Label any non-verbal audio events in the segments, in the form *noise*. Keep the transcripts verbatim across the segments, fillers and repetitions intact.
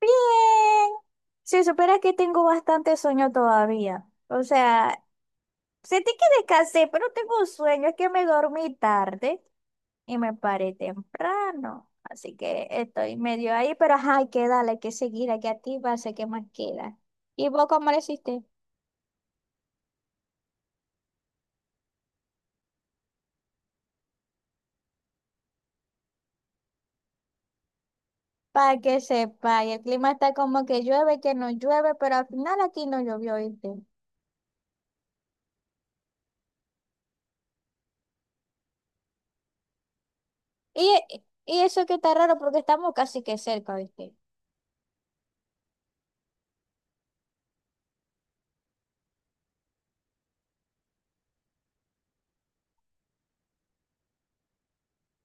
Bien, si supieras que tengo bastante sueño todavía. O sea, sentí que descansé, pero tengo un sueño, es que me dormí tarde y me paré temprano. Así que estoy medio ahí, pero ajá, hay que darle, hay que seguir, hay que activarse, ¿qué más queda? ¿Y vos cómo lo hiciste? Para que sepa, y el clima está como que llueve, que no llueve, pero al final aquí no llovió, ¿viste? Y, y eso que está raro porque estamos casi que cerca, ¿viste?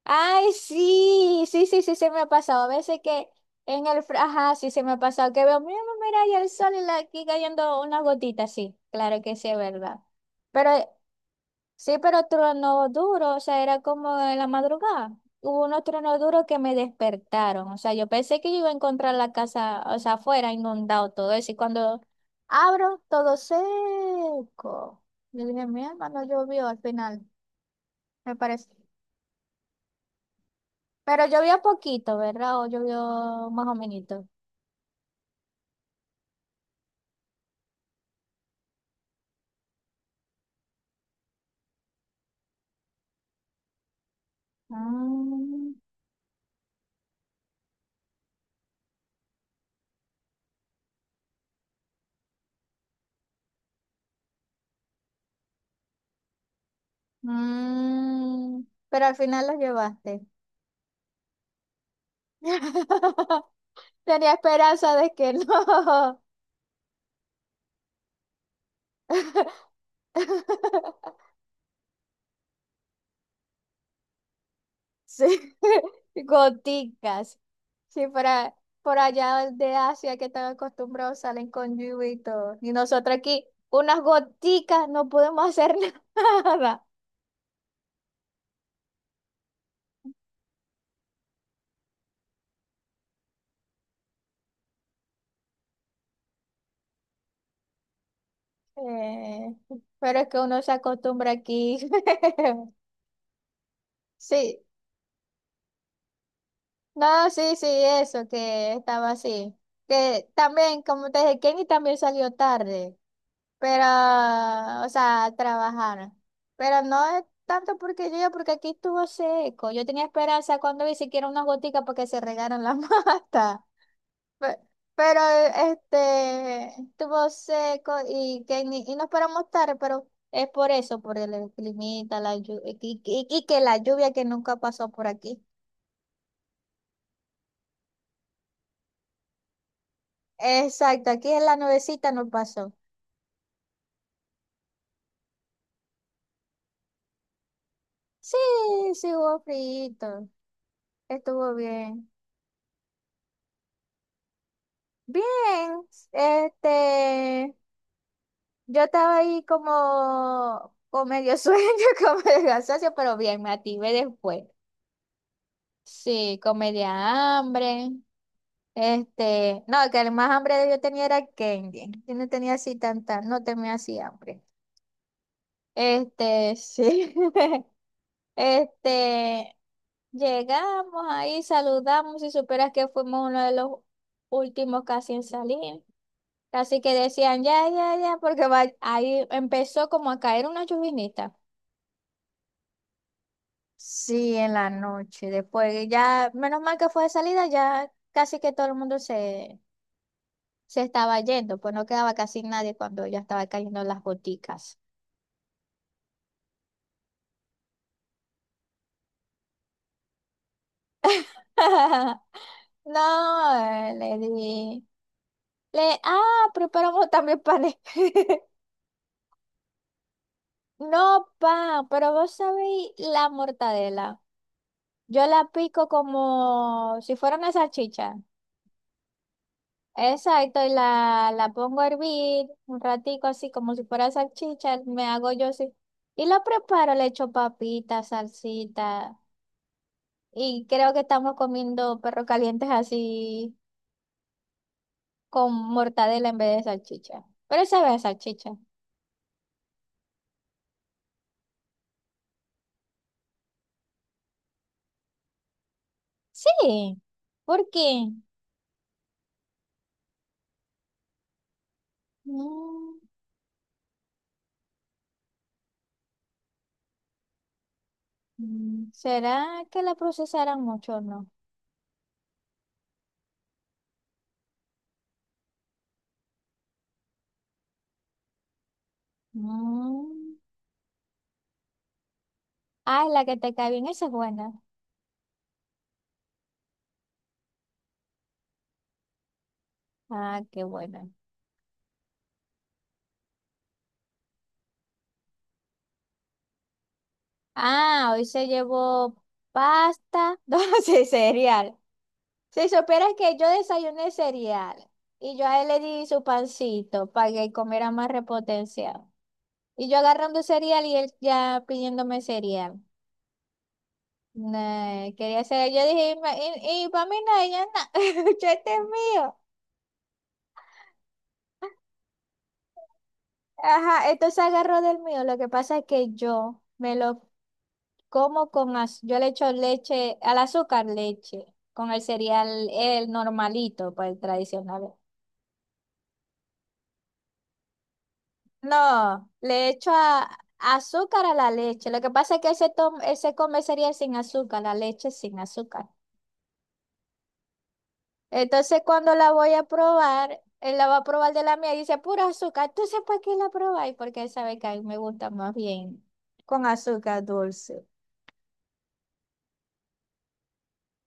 Ay, sí, sí, sí, sí, se me ha pasado. A veces que en el, fr- ajá, sí, se me ha pasado que veo, mira, mira, ahí el sol y la- aquí cayendo unas gotitas, sí, claro que sí, es verdad. Pero eh, sí, pero trueno duro, o sea, era como en la madrugada. Hubo unos truenos duros que me despertaron, o sea, yo pensé que yo iba a encontrar la casa, o sea, afuera, inundado todo eso, y cuando abro, todo seco. Yo dije, mi hermano llovió al final, me parece. Pero llovió poquito, ¿verdad? O llovió más o menos. Mm, mm, pero al final los llevaste. *laughs* Tenía esperanza de que no. *laughs* Sí, *laughs* goticas. Sí, para, por allá de Asia que están acostumbrados salen con lluvia y Y nosotros aquí, unas goticas, no podemos hacer *laughs* nada. Eh, pero es que uno se acostumbra aquí. *laughs* Sí, no, sí, sí, eso, que estaba así. Que también, como te dije, Kenny también salió tarde, pero, o sea, a trabajar. Pero no es tanto porque yo, porque aquí estuvo seco. Yo tenía esperanza cuando vi siquiera unas goticas para que se regaran las *laughs* matas. Pe- Pero, este, estuvo seco y Kenny, y nos paramos tarde, pero es por eso, por el climita, la lluvia, y, y y que la lluvia que nunca pasó por aquí. Exacto, aquí en la nubecita no pasó. Sí, sí hubo frío, estuvo bien. Bien, este, yo estaba ahí como con medio sueño, *laughs* con medio cansancio, pero bien, me activé después. Sí, con media hambre. Este, no, que el más hambre que yo tenía era candy. Yo no tenía así tanta, no tenía así hambre. Este, sí. *laughs* Este, llegamos ahí, saludamos y superas que fuimos uno de los últimos casi en salir. Así que decían, ya, ya, ya, porque va- ahí empezó como a caer una llovinita. Sí, en la noche. Después ya, menos mal que fue de salida, ya casi que todo el mundo se, se estaba yendo, pues no quedaba casi nadie cuando ya estaba cayendo las goticas. *laughs* No, eh, le di. Le, ah, preparamos también panes. *laughs* No, pan, pero vos sabéis la mortadela. Yo la pico como si fuera una salchicha. Exacto, y la, la pongo a hervir un ratico así como si fuera salchicha, me hago yo así. Y lo preparo, le echo papita, salsita. Y creo que estamos comiendo perros calientes así con mortadela en vez de salchicha. Pero sabe a salchicha. Sí, ¿por qué? Mm, mm, ¿Será que la procesaran mucho o no? Mm. Ah, la que te cae bien, esa es buena. Ah, qué buena. Ah, hoy se llevó pasta, *laughs* no sé, cereal. Si supieras que yo desayuné cereal y yo a él le di su pancito para que comiera más repotenciado. Y yo agarrando cereal y él ya pidiéndome cereal. Nah, quería cereal. Yo dije, y, y, y para mí no, ella no, *laughs* este es mío. Ajá, entonces agarró del mío. Lo que pasa es que yo me lo como con az- yo le echo leche, al azúcar leche, con el cereal el normalito, pues el tradicional. No, le echo a- azúcar a la leche. Lo que pasa es que ese, tom- ese come cereal sin azúcar, la leche sin azúcar. Entonces cuando la voy a probar, él la va a probar de la mía y dice, pura azúcar. Entonces, ¿para qué la probáis? Porque él sabe que a mí me gusta más bien con azúcar dulce.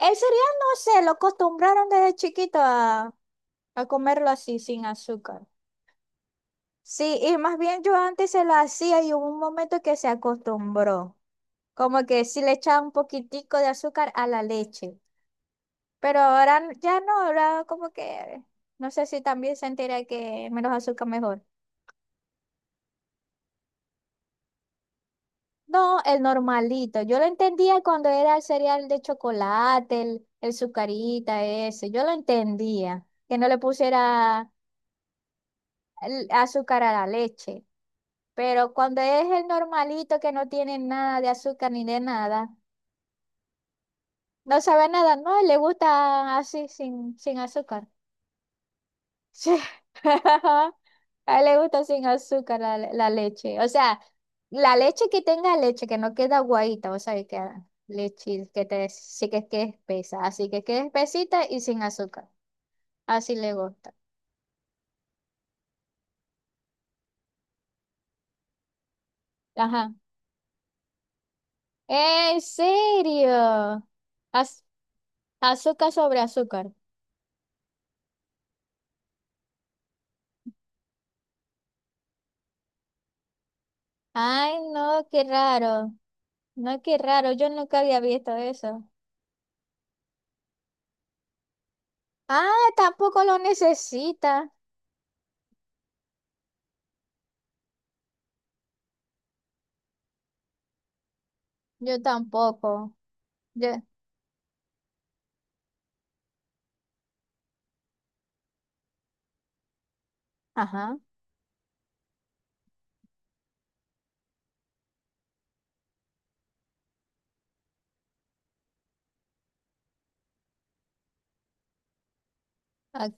El cereal, no sé, lo acostumbraron desde chiquito a, a comerlo así, sin azúcar. Sí, y más bien yo antes se la hacía y hubo un momento que se acostumbró, como que sí le echaba un poquitico de azúcar a la leche, pero ahora n- ya no, ahora como que no sé si también sentirá que menos azúcar mejor. No, el normalito, yo lo entendía cuando era el cereal de chocolate, el, el Zucarita ese, yo lo entendía, que no le pusiera el azúcar a la leche, pero cuando es el normalito que no tiene nada de azúcar ni de nada. No sabe nada, no, le gusta así sin, sin azúcar. Sí. *laughs* A él le gusta sin azúcar la, la leche. O sea, la leche que tenga leche, que no queda aguadita, o sea, que queda leche que te, sí que que es espesa, así que quede espesita y sin azúcar. Así le gusta. Ajá. ¿En serio? Az- azúcar sobre azúcar. Ay, no, qué raro. No, qué raro. Yo nunca había visto eso. Ah, tampoco lo necesita. Yo tampoco. Yo, ajá. Ah,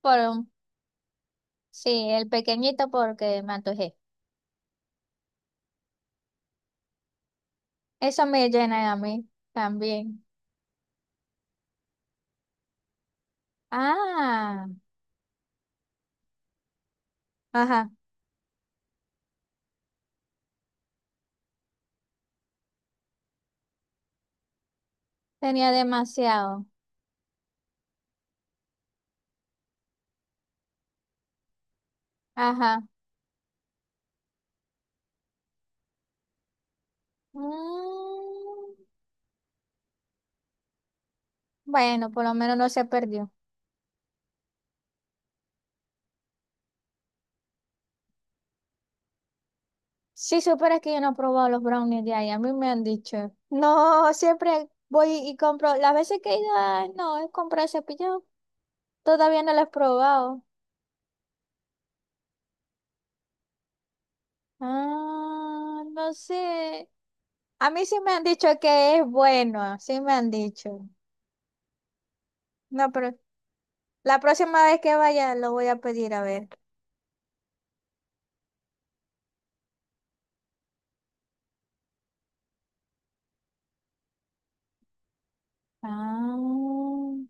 Por un- sí, el pequeñito porque me antojé. Eso me llena a mí también. Ah, ajá. Tenía demasiado. Ajá. Mm, bueno, por lo menos no se perdió. Si supieras que yo no he probado los brownies de ahí, a mí me han dicho. No, siempre voy y compro. Las veces que he ido, ah, no, he comprado cepillo. Todavía no lo he probado. Ah, no sé. A mí sí me han dicho que es bueno, sí me han dicho. No, pero la próxima vez que vaya lo voy a pedir a ver. Ah, o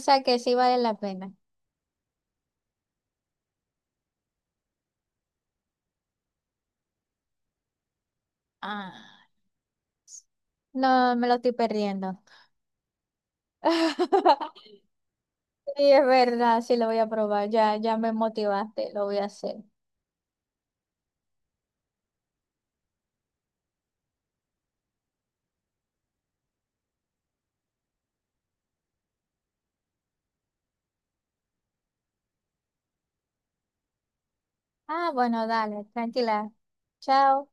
sea que sí vale la pena. Ah, no, me lo estoy perdiendo. *laughs* Sí, es verdad, sí lo voy a probar. Ya, ya me motivaste, lo voy a hacer. Ah, bueno, dale, tranquila. Chao.